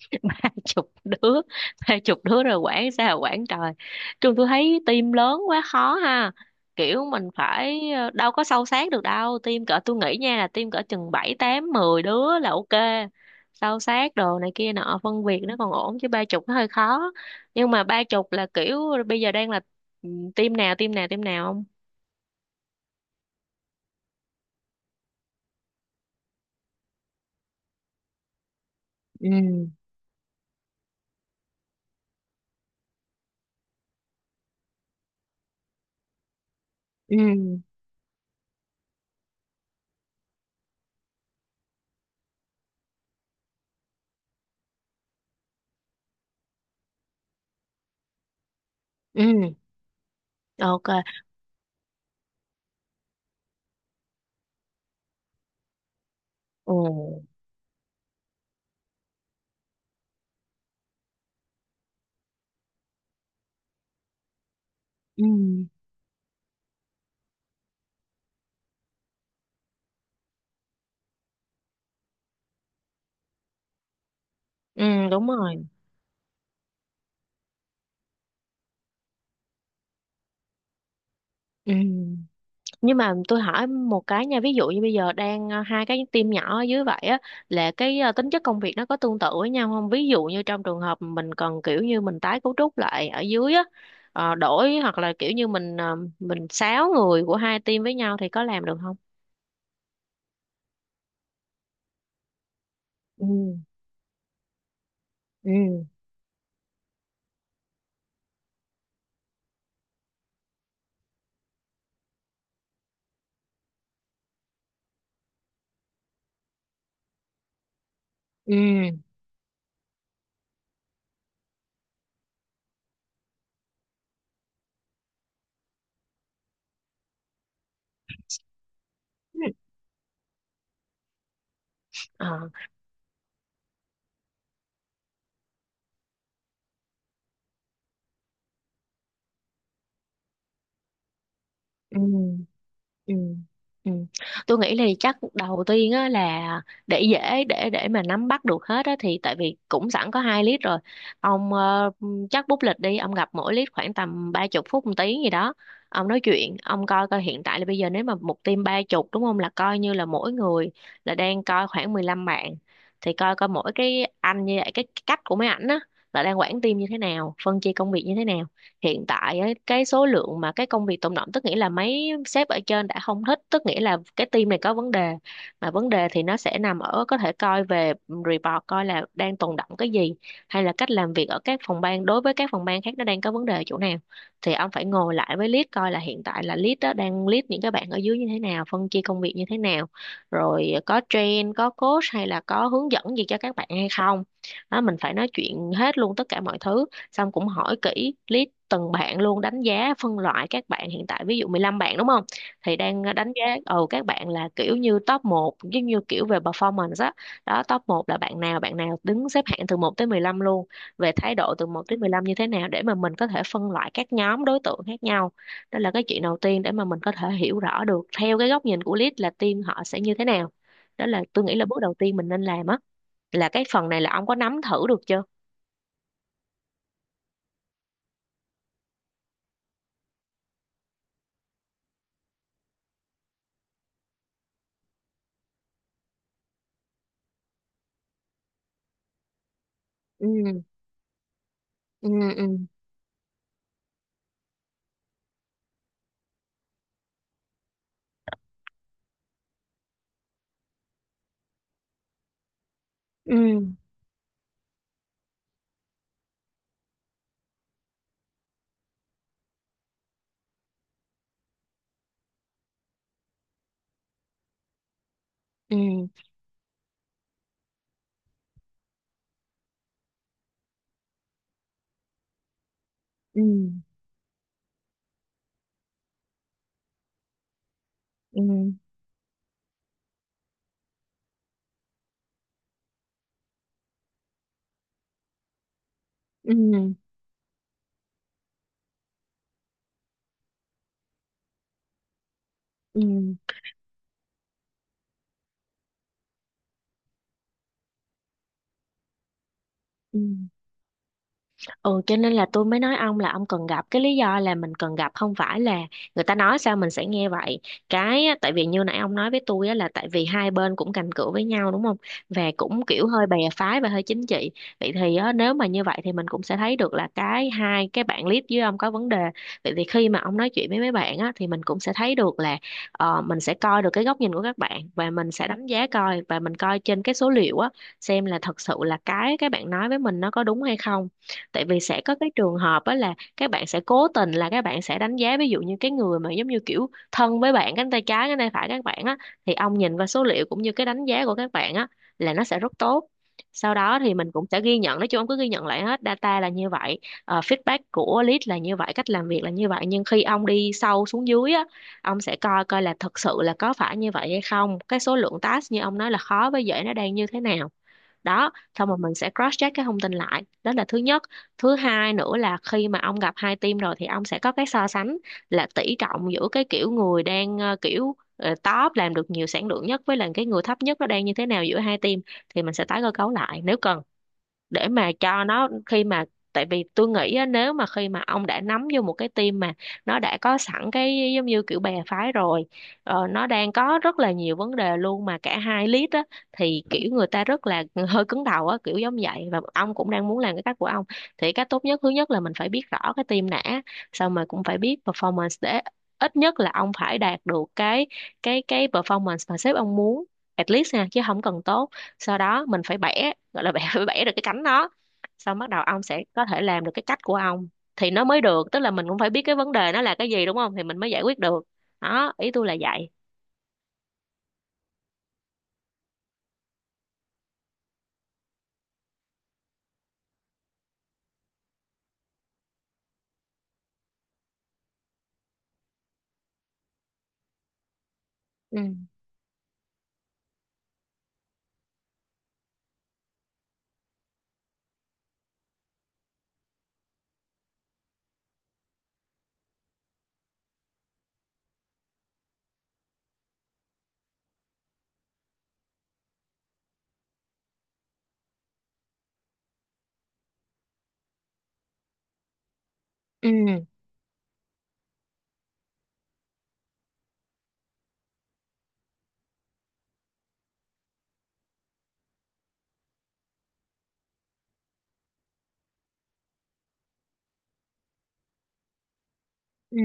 Ba chục đứa, ba chục đứa rồi quản sao quản trời. Trường tôi thấy team lớn quá khó ha, kiểu mình phải đâu có sâu sát được đâu. Team cỡ tôi nghĩ nha là team cỡ chừng bảy tám 10 đứa là ok. Sâu sát đồ này kia nọ, phân việc nó còn ổn, chứ ba chục nó hơi khó. Nhưng mà ba chục là kiểu bây giờ đang là ừ, team nào team nào team nào không. Ừ. Ừ. Ừ. Ok. Ồ. Ừ. Ừ, đúng rồi. Ừ, nhưng mà tôi hỏi một cái nha, ví dụ như bây giờ đang hai cái team nhỏ ở dưới vậy á, là cái tính chất công việc nó có tương tự với nhau không? Ví dụ như trong trường hợp mình cần, kiểu như mình tái cấu trúc lại ở dưới á, đổi hoặc là kiểu như mình sáu người của hai team với nhau, thì có làm được không? Ừ. Ừ. Ừ. Ừ. Ờ. Ừ. Ừ. Ừ. Tôi nghĩ là chắc đầu tiên á là, để dễ để mà nắm bắt được hết á, thì tại vì cũng sẵn có hai lít rồi, ông chắc bút lịch đi, ông gặp mỗi lít khoảng tầm 30 phút một tiếng gì đó. Ông nói chuyện ông coi coi hiện tại là bây giờ nếu mà một team ba chục đúng không, là coi như là mỗi người là đang coi khoảng 15 bạn. Thì coi coi mỗi cái anh như vậy, cái cách của mấy ảnh á là đang quản team như thế nào, phân chia công việc như thế nào. Hiện tại ấy, cái số lượng mà cái công việc tồn đọng, tức nghĩa là mấy sếp ở trên đã không thích, tức nghĩa là cái team này có vấn đề. Mà vấn đề thì nó sẽ nằm ở, có thể coi về report coi là đang tồn đọng cái gì, hay là cách làm việc ở các phòng ban đối với các phòng ban khác nó đang có vấn đề ở chỗ nào. Thì ông phải ngồi lại với lead, coi là hiện tại là lead đó đang lead những cái bạn ở dưới như thế nào, phân chia công việc như thế nào, rồi có train có coach hay là có hướng dẫn gì cho các bạn hay không. Đó, mình phải nói chuyện hết luôn tất cả mọi thứ, xong cũng hỏi kỹ list từng bạn luôn, đánh giá phân loại các bạn hiện tại, ví dụ 15 bạn đúng không, thì đang đánh giá ừ các bạn là kiểu như top một, giống như kiểu về performance á. Đó. Top một là bạn nào, bạn nào đứng xếp hạng từ một tới 15 luôn, về thái độ từ một tới 15 như thế nào, để mà mình có thể phân loại các nhóm đối tượng khác nhau. Đó là cái chuyện đầu tiên để mà mình có thể hiểu rõ được theo cái góc nhìn của lead là team họ sẽ như thế nào. Đó là tôi nghĩ là bước đầu tiên mình nên làm á, là cái phần này là ông có nắm thử được chưa? Ừ. Ừ. Ừ. Ừ. Ừ. Ừ. Ừ. Ừ. Ừ. Ừ. Ừ. Ừ cho nên là tôi mới nói ông là ông cần gặp. Cái lý do là mình cần gặp, không phải là người ta nói sao mình sẽ nghe vậy. Cái á, tại vì như nãy ông nói với tôi á, là tại vì hai bên cũng cành cửa với nhau đúng không, và cũng kiểu hơi bè phái và hơi chính trị. Vậy thì á, nếu mà như vậy thì mình cũng sẽ thấy được là cái hai cái bạn lead với ông có vấn đề. Vậy thì khi mà ông nói chuyện với mấy bạn á, thì mình cũng sẽ thấy được là mình sẽ coi được cái góc nhìn của các bạn, và mình sẽ đánh giá coi, và mình coi trên cái số liệu á, xem là thật sự là cái bạn nói với mình nó có đúng hay không. Tại vì sẽ có cái trường hợp á là các bạn sẽ cố tình, là các bạn sẽ đánh giá ví dụ như cái người mà giống như kiểu thân với bạn, cánh tay trái cánh tay phải các bạn á, thì ông nhìn vào số liệu cũng như cái đánh giá của các bạn á, là nó sẽ rất tốt. Sau đó thì mình cũng sẽ ghi nhận, nói chung ông cứ ghi nhận lại hết data là như vậy, feedback của lead là như vậy, cách làm việc là như vậy, nhưng khi ông đi sâu xuống dưới á, ông sẽ coi coi là thật sự là có phải như vậy hay không, cái số lượng task như ông nói là khó với dễ nó đang như thế nào. Đó, xong rồi mình sẽ cross check cái thông tin lại, đó là thứ nhất. Thứ hai nữa là khi mà ông gặp hai team rồi, thì ông sẽ có cái so sánh là tỷ trọng giữa cái kiểu người đang kiểu top làm được nhiều sản lượng nhất với là cái người thấp nhất, nó đang như thế nào giữa hai team, thì mình sẽ tái cơ cấu lại nếu cần. Để mà cho nó, khi mà, tại vì tôi nghĩ á, nếu mà khi mà ông đã nắm vô một cái team mà nó đã có sẵn cái giống như kiểu bè phái rồi, nó đang có rất là nhiều vấn đề luôn, mà cả hai lead á, thì kiểu người ta rất là hơi cứng đầu á kiểu giống vậy, và ông cũng đang muốn làm cái cách của ông. Thì cách tốt nhất, thứ nhất là mình phải biết rõ cái team đã, xong rồi cũng phải biết performance, để ít nhất là ông phải đạt được cái performance mà sếp ông muốn, at least nha, chứ không cần tốt. Sau đó mình phải bẻ, gọi là bẻ, phải bẻ được cái cánh nó, xong bắt đầu ông sẽ có thể làm được cái cách của ông, thì nó mới được. Tức là mình cũng phải biết cái vấn đề nó là cái gì đúng không, thì mình mới giải quyết được. Đó, ý tôi là vậy. Ừ. Ừ. Ừ.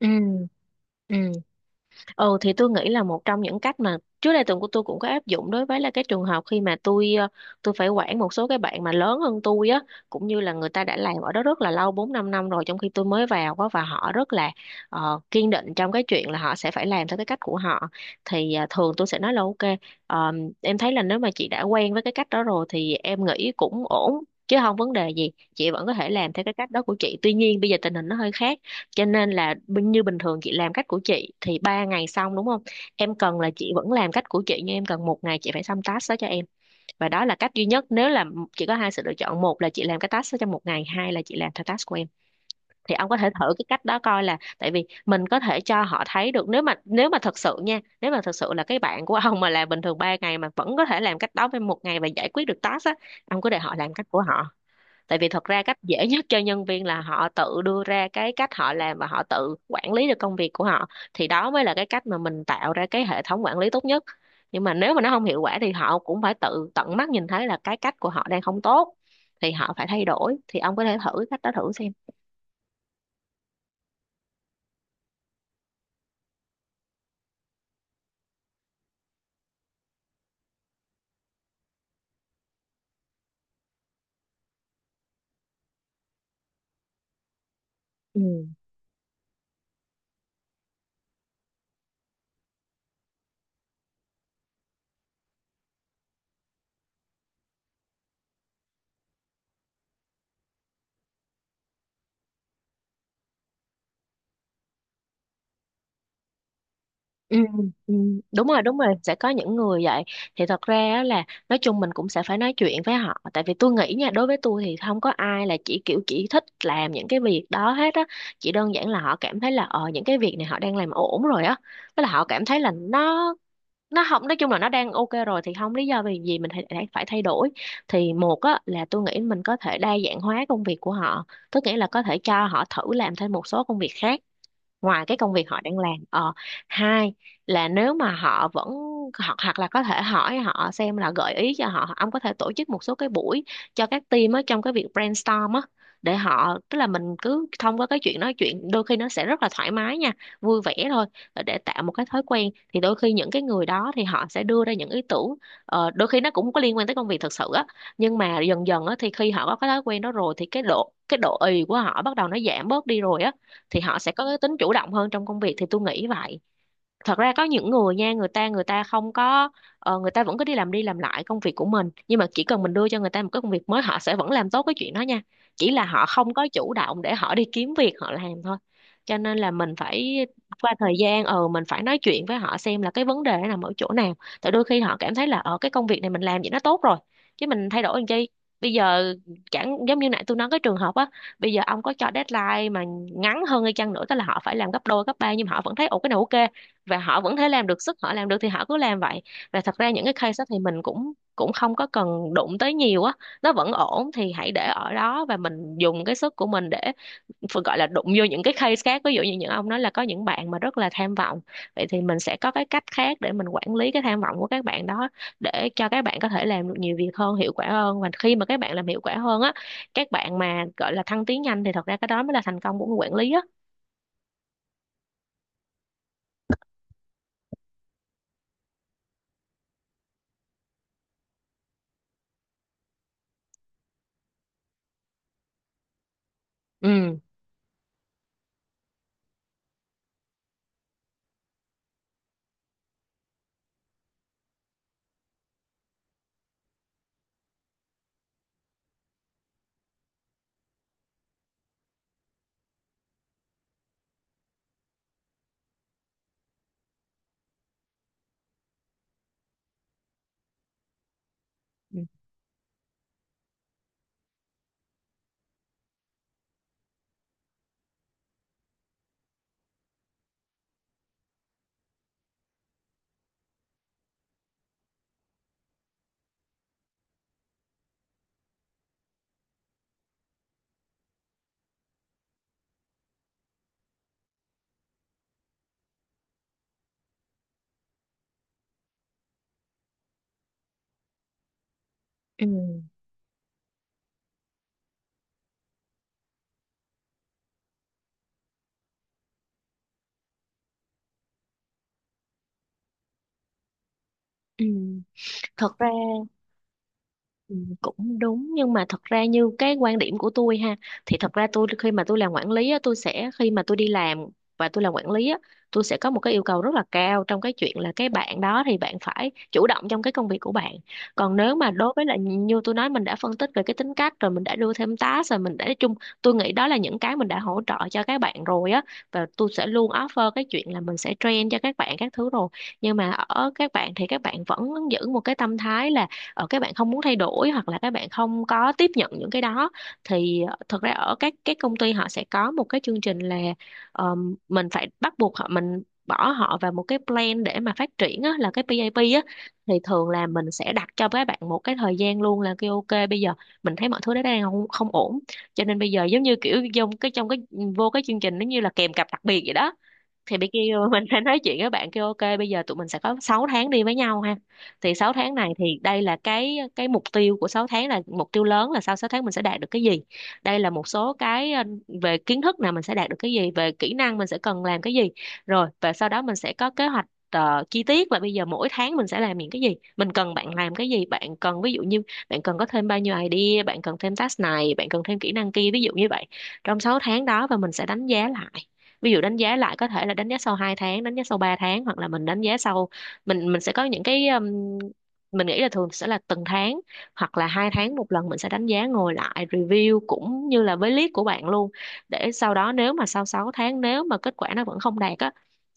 Ừ. Ừ. Ừ thì tôi nghĩ là một trong những cách mà trước đây tuần của tôi cũng có áp dụng, đối với là cái trường hợp khi mà tôi tôi phải quản một số cái bạn mà lớn hơn tôi á, cũng như là người ta đã làm ở đó rất là lâu, 4 5 năm rồi, trong khi tôi mới vào á, và họ rất là kiên định trong cái chuyện là họ sẽ phải làm theo cái cách của họ. Thì thường tôi sẽ nói là ok, ờ, em thấy là nếu mà chị đã quen với cái cách đó rồi thì em nghĩ cũng ổn, chứ không vấn đề gì, chị vẫn có thể làm theo cái cách đó của chị, tuy nhiên bây giờ tình hình nó hơi khác. Cho nên là như bình thường chị làm cách của chị thì 3 ngày xong đúng không, em cần là chị vẫn làm cách của chị, nhưng em cần 1 ngày chị phải xong task đó cho em. Và đó là cách duy nhất, nếu là chị có hai sự lựa chọn, một là chị làm cái task đó trong 1 ngày, hai là chị làm theo task của em. Thì ông có thể thử cái cách đó coi, là tại vì mình có thể cho họ thấy được, nếu mà thật sự nha, nếu mà thật sự là cái bạn của ông mà làm bình thường 3 ngày, mà vẫn có thể làm cách đó với 1 ngày và giải quyết được task á, ông cứ để họ làm cách của họ. Tại vì thật ra cách dễ nhất cho nhân viên là họ tự đưa ra cái cách họ làm, và họ tự quản lý được công việc của họ. Thì đó mới là cái cách mà mình tạo ra cái hệ thống quản lý tốt nhất. Nhưng mà nếu mà nó không hiệu quả thì họ cũng phải tự tận mắt nhìn thấy là cái cách của họ đang không tốt, thì họ phải thay đổi. Thì ông có thể thử cách đó thử xem. Ừ. Ừ, ừ, đúng rồi, đúng rồi, sẽ có những người vậy. Thì thật ra á là nói chung mình cũng sẽ phải nói chuyện với họ, tại vì tôi nghĩ nha, đối với tôi thì không có ai là chỉ kiểu chỉ thích làm những cái việc đó hết á. Chỉ đơn giản là họ cảm thấy là những cái việc này họ đang làm ổn rồi á, với là họ cảm thấy là nó không, nói chung là nó đang ok rồi thì không lý do vì gì mình phải phải thay đổi. Thì một á là tôi nghĩ mình có thể đa dạng hóa công việc của họ, tức nghĩa là có thể cho họ thử làm thêm một số công việc khác ngoài cái công việc họ đang làm. Ờ Hai là nếu mà họ vẫn, hoặc hoặc là có thể hỏi họ xem, là gợi ý cho họ ông có thể tổ chức một số cái buổi cho các team á, trong cái việc brainstorm á, để họ, tức là mình cứ thông qua cái chuyện nói chuyện, đôi khi nó sẽ rất là thoải mái nha, vui vẻ thôi, để tạo một cái thói quen. Thì đôi khi những cái người đó thì họ sẽ đưa ra những ý tưởng, đôi khi nó cũng có liên quan tới công việc thực sự á. Nhưng mà dần dần á, thì khi họ có cái thói quen đó rồi thì cái độ ì của họ bắt đầu nó giảm bớt đi rồi á, thì họ sẽ có cái tính chủ động hơn trong công việc, thì tôi nghĩ vậy. Thật ra có những người nha, người ta không có, người ta vẫn cứ đi làm lại công việc của mình, nhưng mà chỉ cần mình đưa cho người ta một cái công việc mới họ sẽ vẫn làm tốt cái chuyện đó nha. Chỉ là họ không có chủ động để họ đi kiếm việc họ làm thôi. Cho nên là mình phải qua thời gian, mình phải nói chuyện với họ xem là cái vấn đề nó nằm ở chỗ nào. Tại đôi khi họ cảm thấy là cái công việc này mình làm vậy nó tốt rồi, chứ mình thay đổi làm chi bây giờ. Chẳng giống như nãy tôi nói cái trường hợp á, bây giờ ông có cho deadline mà ngắn hơn hay chăng nữa, tức là họ phải làm gấp đôi gấp ba, nhưng mà họ vẫn thấy ồ cái này ok, và họ vẫn thấy làm được, sức họ làm được thì họ cứ làm vậy. Và thật ra những cái case đó thì mình cũng cũng không có cần đụng tới nhiều á, nó vẫn ổn thì hãy để ở đó và mình dùng cái sức của mình để, phải gọi là đụng vô những cái case khác, ví dụ như những ông nói là có những bạn mà rất là tham vọng. Vậy thì mình sẽ có cái cách khác để mình quản lý cái tham vọng của các bạn đó, để cho các bạn có thể làm được nhiều việc hơn, hiệu quả hơn. Và khi mà các bạn làm hiệu quả hơn á, các bạn mà gọi là thăng tiến nhanh, thì thật ra cái đó mới là thành công của người quản lý á. Ừ, ừ, ừ, ừ. Thật ra, ừ, cũng đúng, nhưng mà thật ra như cái quan điểm của tôi ha, thì thật ra tôi, khi mà tôi làm quản lý á, tôi sẽ, khi mà tôi đi làm và tôi làm quản lý á, tôi sẽ có một cái yêu cầu rất là cao trong cái chuyện là cái bạn đó thì bạn phải chủ động trong cái công việc của bạn. Còn nếu mà đối với là như tôi nói, mình đã phân tích về cái tính cách rồi, mình đã đưa thêm task rồi, mình đã nói chung, tôi nghĩ đó là những cái mình đã hỗ trợ cho các bạn rồi á. Và tôi sẽ luôn offer cái chuyện là mình sẽ train cho các bạn các thứ rồi. Nhưng mà ở các bạn thì các bạn vẫn giữ một cái tâm thái là, các bạn không muốn thay đổi, hoặc là các bạn không có tiếp nhận những cái đó. Thì thật ra ở các công ty họ sẽ có một cái chương trình là, ờ, mình phải bắt buộc họ, mình bỏ họ vào một cái plan để mà phát triển á, là cái PAP á. Thì thường là mình sẽ đặt cho các bạn một cái thời gian luôn, là kêu ok bây giờ mình thấy mọi thứ đó đang không ổn, cho nên bây giờ giống như kiểu trong cái, vô cái chương trình, nó như là kèm cặp đặc biệt vậy đó. Thì bị kêu mình phải nói chuyện với bạn, kêu ok bây giờ tụi mình sẽ có 6 tháng đi với nhau ha. Thì 6 tháng này thì đây là cái mục tiêu của 6 tháng, là mục tiêu lớn là sau 6 tháng mình sẽ đạt được cái gì. Đây là một số cái, về kiến thức nào mình sẽ đạt được cái gì, về kỹ năng mình sẽ cần làm cái gì. Rồi và sau đó mình sẽ có kế hoạch chi tiết là bây giờ mỗi tháng mình sẽ làm những cái gì, mình cần bạn làm cái gì, bạn cần ví dụ như bạn cần có thêm bao nhiêu idea, bạn cần thêm task này, bạn cần thêm kỹ năng kia, ví dụ như vậy trong 6 tháng đó. Và mình sẽ đánh giá lại, ví dụ đánh giá lại có thể là đánh giá sau 2 tháng, đánh giá sau 3 tháng, hoặc là mình đánh giá sau, mình sẽ có những cái, mình nghĩ là thường sẽ là từng tháng, hoặc là 2 tháng một lần mình sẽ đánh giá, ngồi lại review cũng như là với lead của bạn luôn. Để sau đó nếu mà sau 6 tháng nếu mà kết quả nó vẫn không đạt á,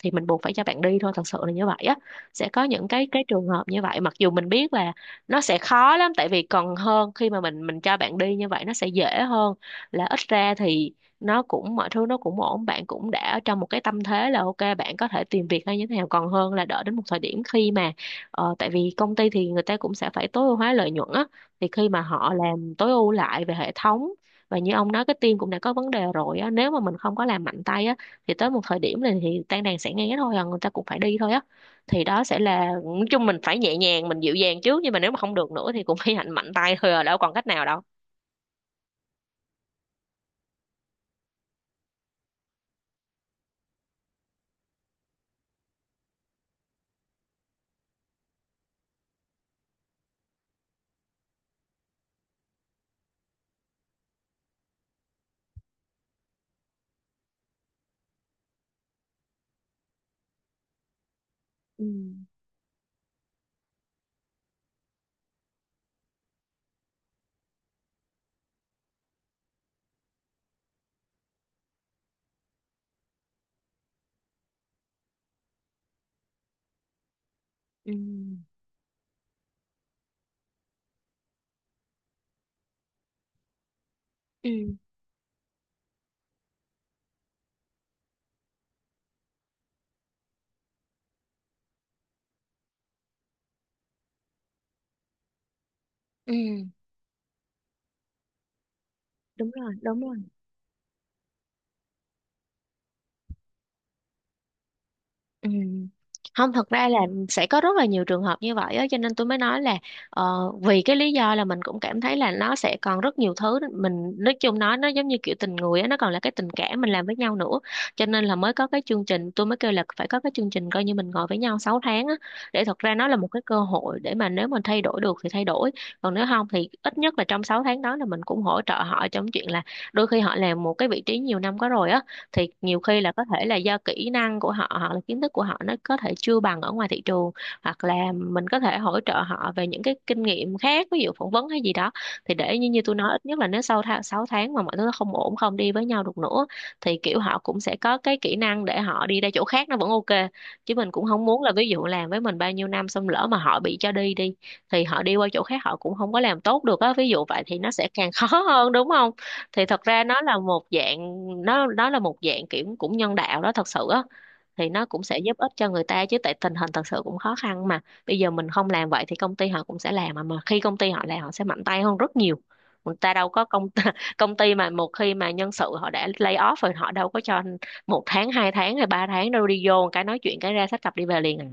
thì mình buộc phải cho bạn đi thôi, thật sự là như vậy á. Sẽ có những cái trường hợp như vậy, mặc dù mình biết là nó sẽ khó lắm, tại vì còn hơn khi mà mình cho bạn đi như vậy nó sẽ dễ hơn. Là ít ra thì nó cũng, mọi thứ nó cũng ổn, bạn cũng đã ở trong một cái tâm thế là ok bạn có thể tìm việc hay như thế nào, còn hơn là đợi đến một thời điểm khi mà, tại vì công ty thì người ta cũng sẽ phải tối ưu hóa lợi nhuận á, thì khi mà họ làm tối ưu lại về hệ thống, và như ông nói cái team cũng đã có vấn đề rồi á, nếu mà mình không có làm mạnh tay á, thì tới một thời điểm này thì tan đàn sẽ nghe thôi à, người ta cũng phải đi thôi á. Thì đó sẽ là, nói chung mình phải nhẹ nhàng, mình dịu dàng trước, nhưng mà nếu mà không được nữa thì cũng phải hành mạnh tay thôi à, đâu còn cách nào đâu. Ừ. Ừ. Ừ. Ừ. Đúng rồi, đúng rồi. Ừ. Không, thật ra là sẽ có rất là nhiều trường hợp như vậy á, cho nên tôi mới nói là, vì cái lý do là mình cũng cảm thấy là nó sẽ còn rất nhiều thứ, mình nói chung, nói nó giống như kiểu tình người á, nó còn là cái tình cảm mình làm với nhau nữa. Cho nên là mới có cái chương trình, tôi mới kêu là phải có cái chương trình coi như mình ngồi với nhau 6 tháng á, để thật ra nó là một cái cơ hội để mà nếu mình thay đổi được thì thay đổi. Còn nếu không thì ít nhất là trong 6 tháng đó là mình cũng hỗ trợ họ trong chuyện là đôi khi họ làm một cái vị trí nhiều năm có rồi á, thì nhiều khi là có thể là do kỹ năng của họ hoặc là kiến thức của họ nó có thể chưa bằng ở ngoài thị trường, hoặc là mình có thể hỗ trợ họ về những cái kinh nghiệm khác, ví dụ phỏng vấn hay gì đó. Thì để như như tôi nói, ít nhất là nếu sau tháng 6 tháng mà mọi thứ nó không ổn, không đi với nhau được nữa, thì kiểu họ cũng sẽ có cái kỹ năng để họ đi ra chỗ khác nó vẫn ok. Chứ mình cũng không muốn là ví dụ làm với mình bao nhiêu năm xong lỡ mà họ bị cho đi đi, thì họ đi qua chỗ khác họ cũng không có làm tốt được á, ví dụ vậy thì nó sẽ càng khó hơn, đúng không. Thì thật ra nó là một dạng, nó là một dạng kiểu cũng nhân đạo đó, thật sự á. Thì nó cũng sẽ giúp ích cho người ta chứ, tại tình hình thật sự cũng khó khăn mà. Bây giờ mình không làm vậy thì công ty họ cũng sẽ làm, mà khi công ty họ làm họ sẽ mạnh tay hơn rất nhiều. Người ta đâu có công công ty mà một khi mà nhân sự họ đã lay off rồi họ đâu có cho 1 tháng, 2 tháng hay 3 tháng đâu, đi vô một cái nói chuyện cái ra xách cặp đi về liền à.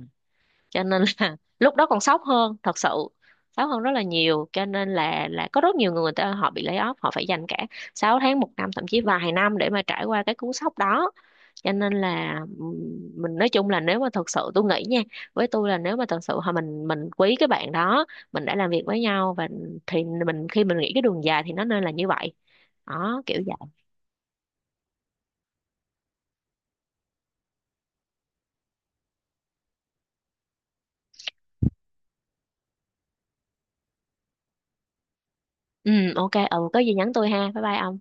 Cho nên là lúc đó còn sốc hơn thật sự, sốc hơn rất là nhiều. Cho nên là có rất nhiều người, người ta họ bị lay off họ phải dành cả 6 tháng, một năm, thậm chí vài năm để mà trải qua cái cú sốc đó. Cho nên là, mình nói chung là nếu mà thật sự tôi nghĩ nha, với tôi là nếu mà thật sự họ, mình quý cái bạn đó, mình đã làm việc với nhau, và thì mình khi mình nghĩ cái đường dài thì nó nên là như vậy, đó kiểu vậy. Ừ, ok, ừ, có gì nhắn tôi ha, bye bye ông.